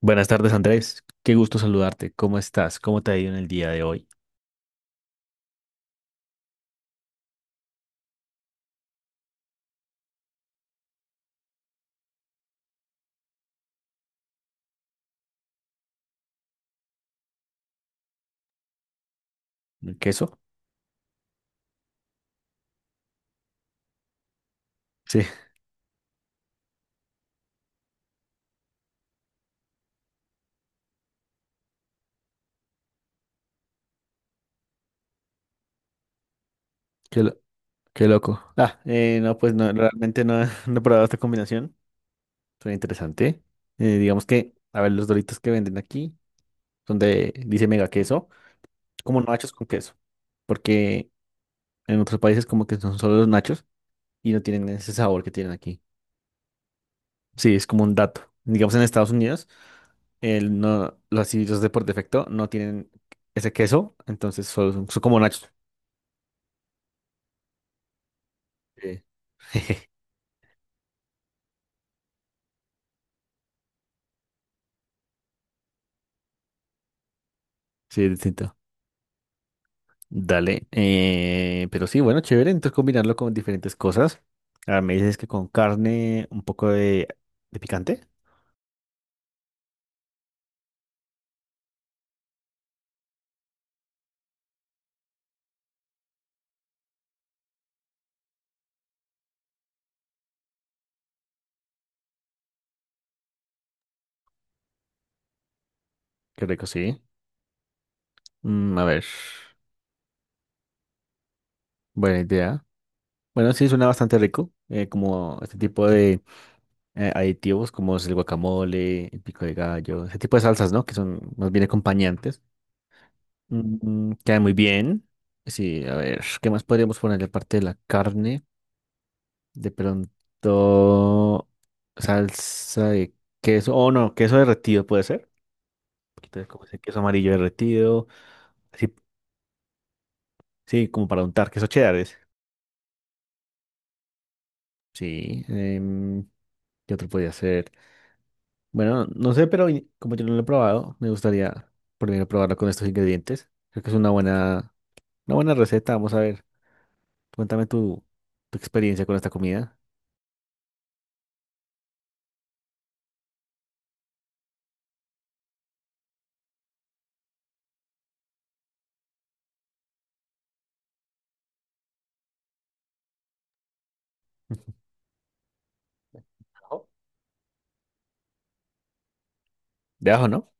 Buenas tardes, Andrés. Qué gusto saludarte. ¿Cómo estás? ¿Cómo te ha ido en el día de hoy? ¿El queso? Sí, qué, qué loco. No, pues no, realmente no, no he probado esta combinación. Suena interesante. Digamos que, a ver, los doritos que venden aquí, donde dice mega queso, como nachos con queso, porque en otros países como que son solo los nachos y no tienen ese sabor que tienen aquí. Sí, es como un dato. Digamos, en Estados Unidos, el no, los así, de por defecto no tienen ese queso, entonces solo son, son como nachos. Sí, sí, es distinto. Dale. Pero sí, bueno, chévere. Entonces combinarlo con diferentes cosas. Ahora me dices que con carne, un poco de picante. Qué rico, sí. Mm, a ver, buena idea. Bueno, sí, suena bastante rico. Como este tipo de aditivos como es el guacamole, el pico de gallo, ese tipo de salsas, ¿no? Que son más bien acompañantes. Mm, queda muy bien. Sí, a ver, ¿qué más podríamos ponerle aparte de la carne? De pronto, salsa de queso, oh no, queso derretido puede ser. Un poquito de como ese queso amarillo derretido. Así, sí, como para untar queso cheddar. Es. Sí, ¿qué otro podría ser? Bueno, no sé, pero como yo no lo he probado, me gustaría primero probarlo con estos ingredientes. Creo que es una buena receta. Vamos a ver, cuéntame tu, tu experiencia con esta comida. Ajo. De ajo, ¿no?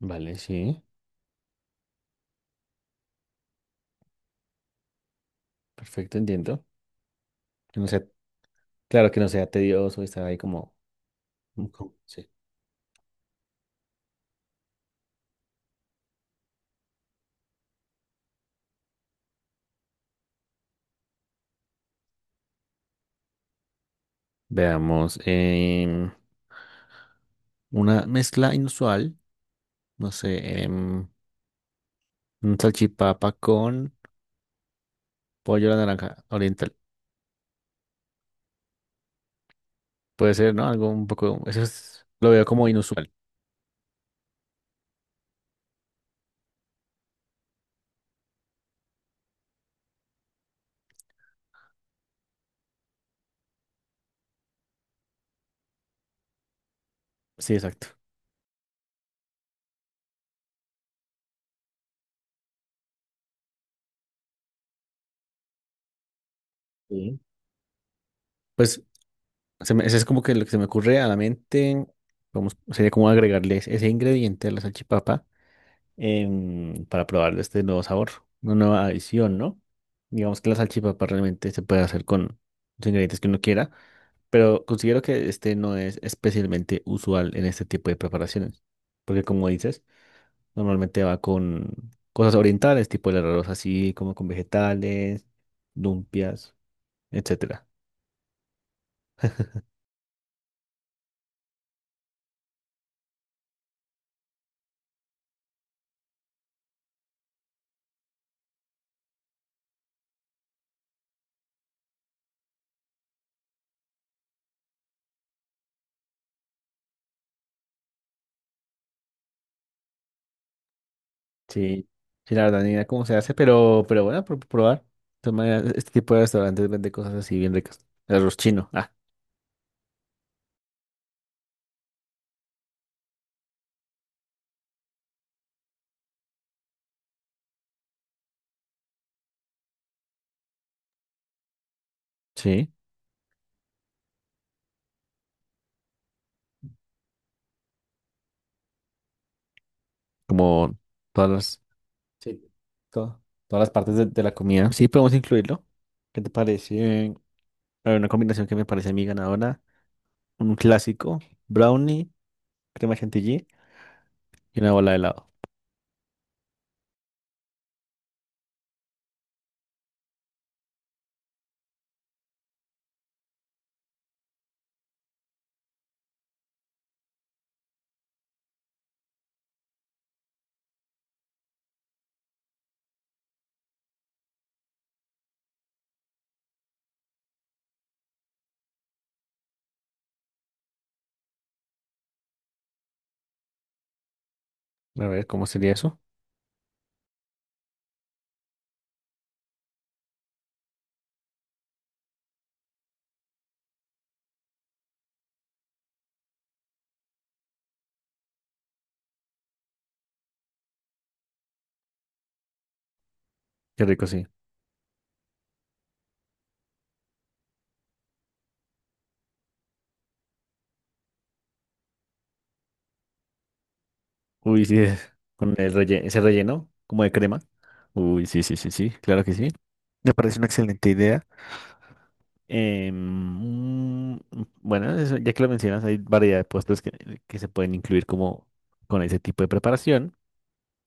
Vale, sí, perfecto, entiendo. Que no sea, claro que no sea tedioso y estar ahí como... Ujú, sí. Veamos, una mezcla inusual, no sé, un salchipapa con pollo a la naranja oriental. Puede ser, ¿no? Algo un poco, lo veo como inusual. Sí, exacto. Sí. Pues eso es como que lo que se me ocurre a la mente, vamos, sería como agregarles ese ingrediente a la salchipapa para probar este nuevo sabor, una nueva adición, ¿no? Digamos que la salchipapa realmente se puede hacer con los ingredientes que uno quiera. Pero considero que este no es especialmente usual en este tipo de preparaciones, porque como dices, normalmente va con cosas orientales, tipo el arroz así, como con vegetales, lumpias, etcétera. Sí, sí, la verdad ni idea cómo se hace, pero bueno, por probar. De todas maneras, este tipo de restaurantes vende cosas así bien ricas. El arroz chino, ah, sí, como todas las, sí, to- todas las partes de la comida. Sí, podemos incluirlo. ¿Qué te parece? Hay una combinación que me parece a mí ganadora. Un clásico, brownie, crema chantilly y una bola de helado. A ver, ¿cómo sería eso? Qué rico, sí. Uy, sí, con el ese relleno como de crema. Uy, sí, sí, sí, sí, claro que sí. Me parece una excelente idea. Em, mm, bueno, ya que lo mencionas, hay variedad de puestos que se pueden incluir como con ese tipo de preparación.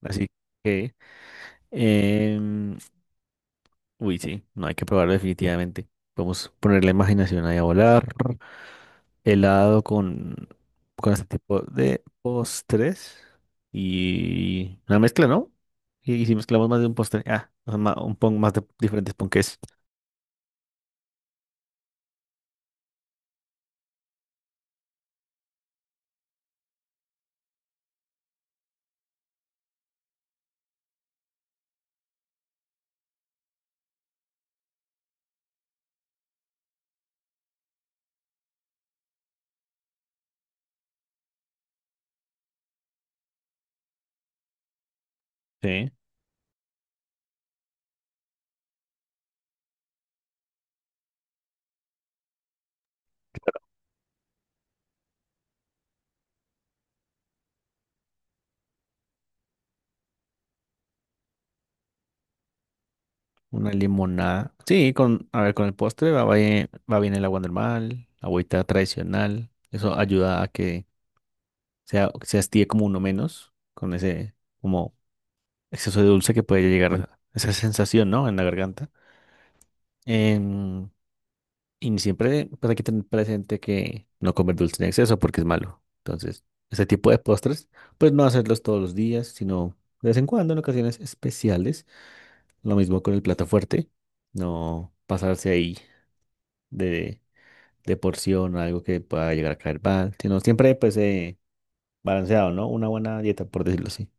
Así que, em, uy, sí, no hay que probarlo definitivamente. Podemos poner la imaginación ahí a volar. Helado con este tipo de postres y una mezcla, ¿no? Y si mezclamos más de un postre, ah, o sea, un pon más de diferentes ponques. Sí, una limonada. Sí, con, a ver, con el postre va bien el agua normal, agüita tradicional. Eso ayuda a que sea, se hastíe como uno menos con ese como exceso de dulce que puede llegar esa sensación, ¿no? En la garganta. Em, Y siempre pues hay que tener presente que no comer dulce en exceso porque es malo. Entonces, ese tipo de postres, pues no hacerlos todos los días, sino de vez en cuando, en ocasiones especiales. Lo mismo con el plato fuerte, no pasarse ahí de, de porción o algo que pueda llegar a caer mal, sino siempre pues balanceado, ¿no? Una buena dieta, por decirlo así.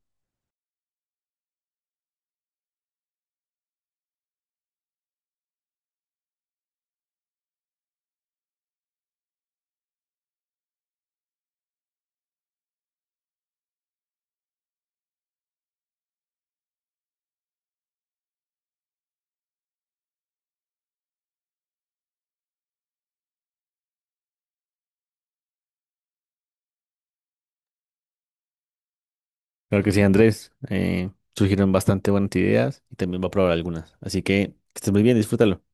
Claro que sí, Andrés, surgieron bastante buenas ideas y también va a probar algunas. Así que estés muy bien, disfrútalo.